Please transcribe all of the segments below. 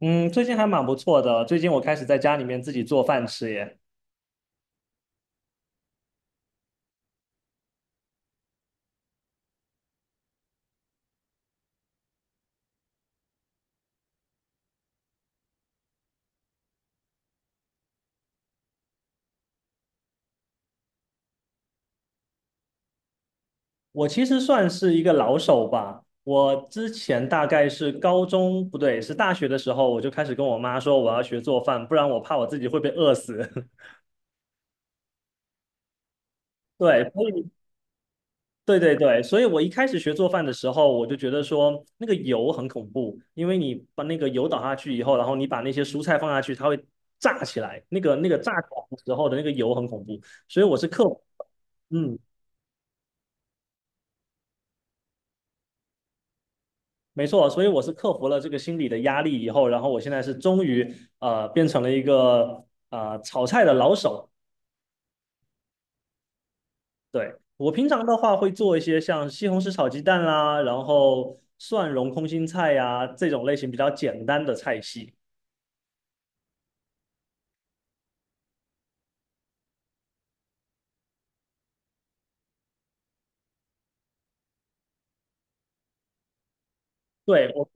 嗯，最近还蛮不错的。最近我开始在家里面自己做饭吃耶。我其实算是一个老手吧。我之前大概是高中，不对，是大学的时候，我就开始跟我妈说我要学做饭，不然我怕我自己会被饿死。对，对对对，所以我一开始学做饭的时候，我就觉得说那个油很恐怖，因为你把那个油倒下去以后，然后你把那些蔬菜放下去，它会炸起来，那个炸起来的时候的那个油很恐怖，所以我是克服。嗯。没错，所以我是克服了这个心理的压力以后，然后我现在是终于变成了一个炒菜的老手。对，我平常的话会做一些像西红柿炒鸡蛋啦，然后蒜蓉空心菜呀、这种类型比较简单的菜系。对，我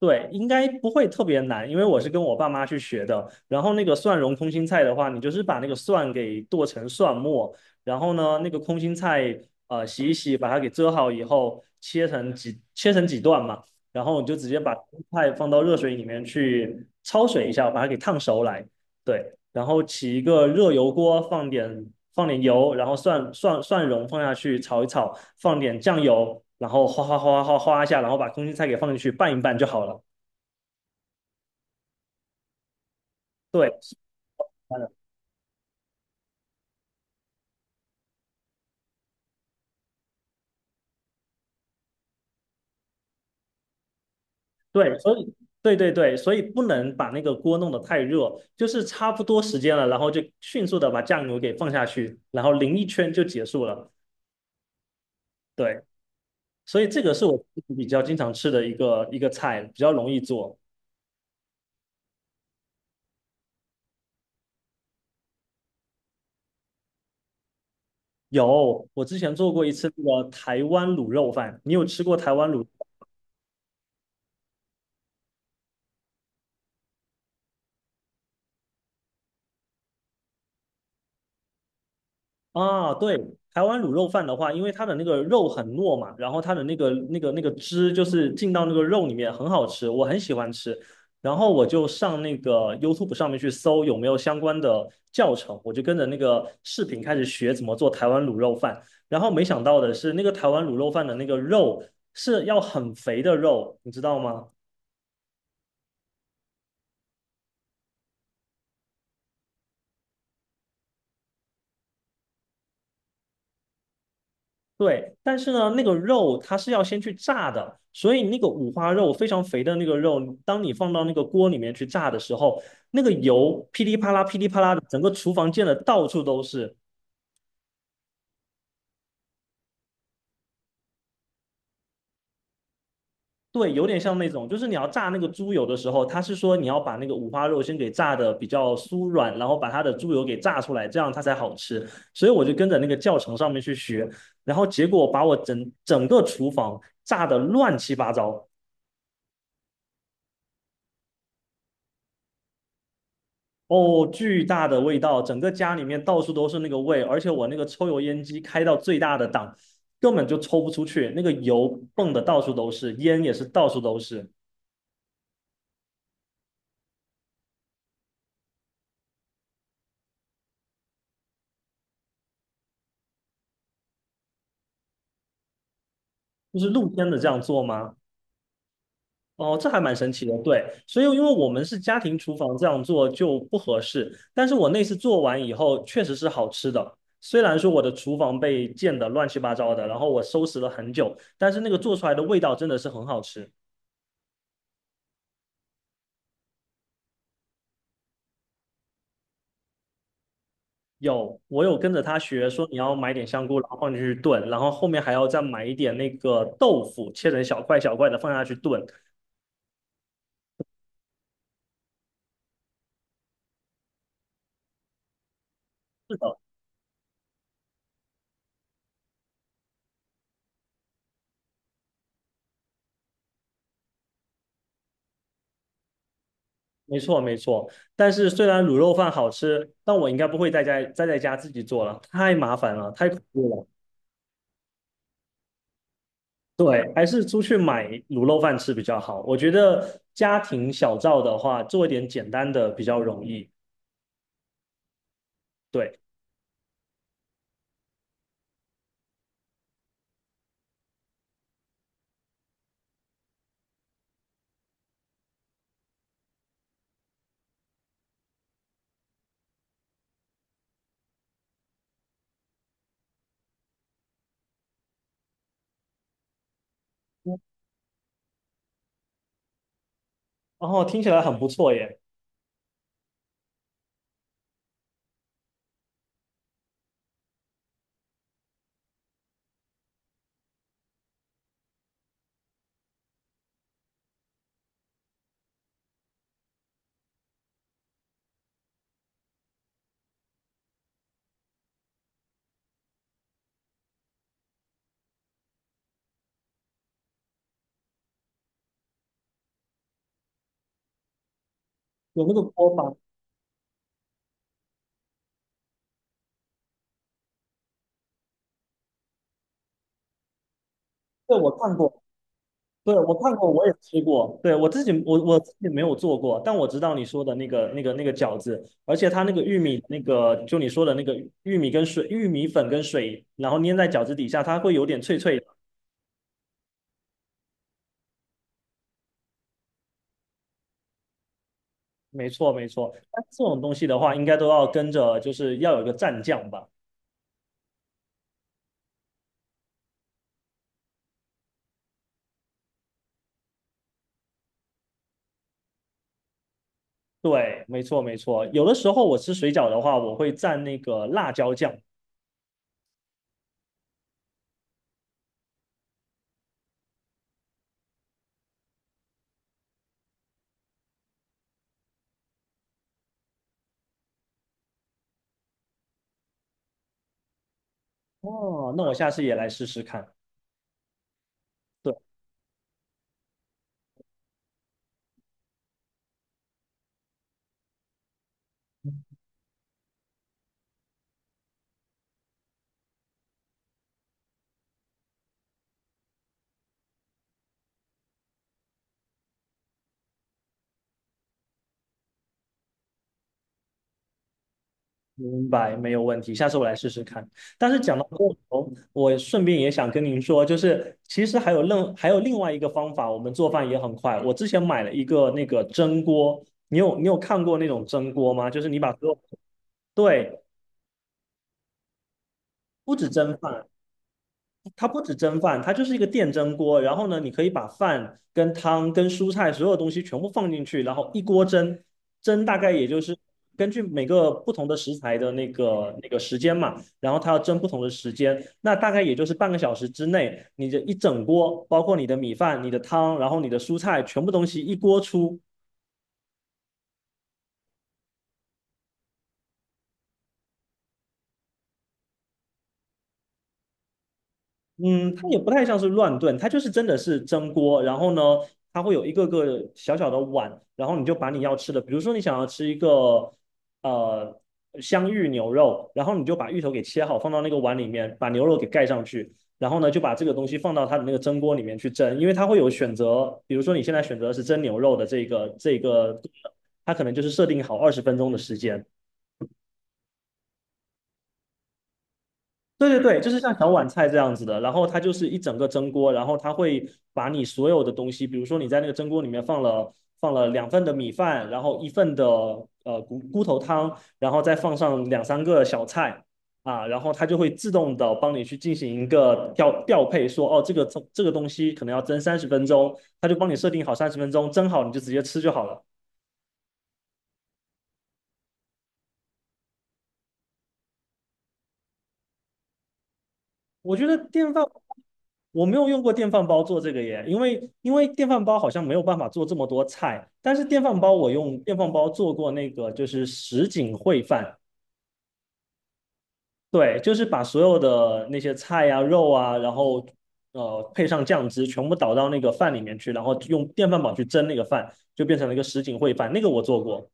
对，应该不会特别难，因为我是跟我爸妈去学的。然后那个蒜蓉空心菜的话，你就是把那个蒜给剁成蒜末，然后呢，那个空心菜洗一洗，把它给遮好以后，切成几段嘛，然后你就直接把菜放到热水里面去焯水一下，把它给烫熟来。对，然后起一个热油锅，放点油，然后蒜蓉放下去炒一炒，放点酱油，然后哗哗哗哗哗哗一下，然后把空心菜给放进去拌一拌就好了。对，是的，对，所以，对对对，所以不能把那个锅弄得太热，就是差不多时间了，然后就迅速的把酱油给放下去，然后淋一圈就结束了。对，所以这个是我比较经常吃的一个菜，比较容易做。有，我之前做过一次那个台湾卤肉饭，你有吃过台湾卤？啊，对，台湾卤肉饭的话，因为它的那个肉很糯嘛，然后它的那个汁就是进到那个肉里面，很好吃，我很喜欢吃。然后我就上那个 YouTube 上面去搜有没有相关的教程，我就跟着那个视频开始学怎么做台湾卤肉饭。然后没想到的是，那个台湾卤肉饭的那个肉是要很肥的肉，你知道吗？对，但是呢，那个肉它是要先去炸的，所以那个五花肉非常肥的那个肉，当你放到那个锅里面去炸的时候，那个油噼里啪啦、噼里啪啦的，整个厨房溅的到处都是。对，有点像那种，就是你要炸那个猪油的时候，它是说你要把那个五花肉先给炸的比较酥软，然后把它的猪油给炸出来，这样它才好吃。所以我就跟着那个教程上面去学，然后结果把我整个厨房炸的乱七八糟。哦，巨大的味道，整个家里面到处都是那个味，而且我那个抽油烟机开到最大的档，根本就抽不出去，那个油蹦的到处都是，烟也是到处都是。就是露天的这样做吗？哦，这还蛮神奇的。对，所以因为我们是家庭厨房这样做就不合适，但是我那次做完以后确实是好吃的。虽然说我的厨房被溅得乱七八糟的，然后我收拾了很久，但是那个做出来的味道真的是很好吃。有，我有跟着他学，说你要买点香菇，然后放进去炖，然后后面还要再买一点那个豆腐，切成小块小块的放下去炖。是的，没错没错。但是虽然卤肉饭好吃，但我应该不会在家自己做了，太麻烦了，太恐怖了。对，还是出去买卤肉饭吃比较好。我觉得家庭小灶的话，做一点简单的比较容易。对，然后听起来很不错耶，有那个锅巴，这我看过。对，我看过，我也吃过。对，我自己，我自己没有做过，但我知道你说的那个饺子，而且它那个玉米，那个就你说的那个玉米跟水、玉米粉跟水，然后粘在饺子底下，它会有点脆脆的。没错，没错。但这种东西的话，应该都要跟着，就是要有一个蘸酱吧？对，没错，没错。有的时候我吃水饺的话，我会蘸那个辣椒酱。哦，那我下次也来试试看。对。明白，没有问题，下次我来试试看。但是讲到过头，我顺便也想跟您说，就是其实还有另外一个方法，我们做饭也很快。我之前买了一个那个蒸锅，你有看过那种蒸锅吗？就是你把所有，对，不止蒸饭，它不止蒸饭，它就是一个电蒸锅。然后呢，你可以把饭跟汤跟蔬菜所有东西全部放进去，然后一锅蒸，蒸大概也就是根据每个不同的食材的那个时间嘛，然后它要蒸不同的时间，那大概也就是半个小时之内，你这一整锅，包括你的米饭、你的汤，然后你的蔬菜，全部东西一锅出，嗯，它也不太像是乱炖，它就是真的是蒸锅，然后呢，它会有一个个小小的碗，然后你就把你要吃的，比如说你想要吃一个呃香芋牛肉，然后你就把芋头给切好放到那个碗里面，把牛肉给盖上去，然后呢就把这个东西放到它的那个蒸锅里面去蒸，因为它会有选择，比如说你现在选择是蒸牛肉的这个，它可能就是设定好20分钟的时间，对对对，就是像小碗菜这样子的，然后它就是一整个蒸锅，然后它会把你所有的东西，比如说你在那个蒸锅里面放了2份的米饭，然后1份的骨头汤，然后再放上两三个小菜啊，然后它就会自动的帮你去进行一个调配说，哦这个东西可能要蒸三十分钟，它就帮你设定好三十分钟，蒸好你就直接吃就好了。我觉得电饭。我没有用过电饭煲做这个耶，因为电饭煲好像没有办法做这么多菜，但是电饭煲我用电饭煲做过那个就是什锦烩饭，对，就是把所有的那些菜啊、肉啊，然后配上酱汁，全部倒到那个饭里面去，然后用电饭煲去蒸那个饭，就变成了一个什锦烩饭，那个我做过。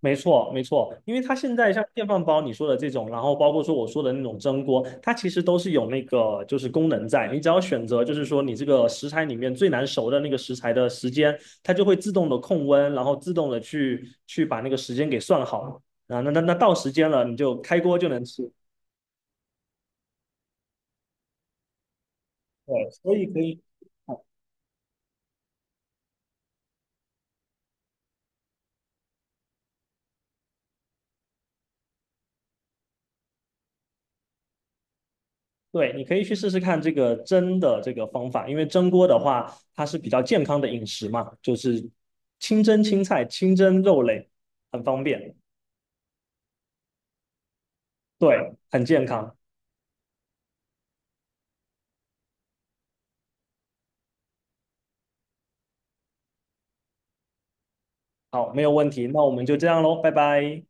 没错，没错，因为它现在像电饭煲你说的这种，然后包括说我说的那种蒸锅，它其实都是有那个就是功能在，你只要选择就是说你这个食材里面最难熟的那个食材的时间，它就会自动的控温，然后自动的去把那个时间给算好啊，那到时间了你就开锅就能吃，对，所以可以。对，你可以去试试看这个蒸的这个方法，因为蒸锅的话，它是比较健康的饮食嘛，就是清蒸青菜、清蒸肉类，很方便，对，很健康。好，没有问题，那我们就这样喽，拜拜。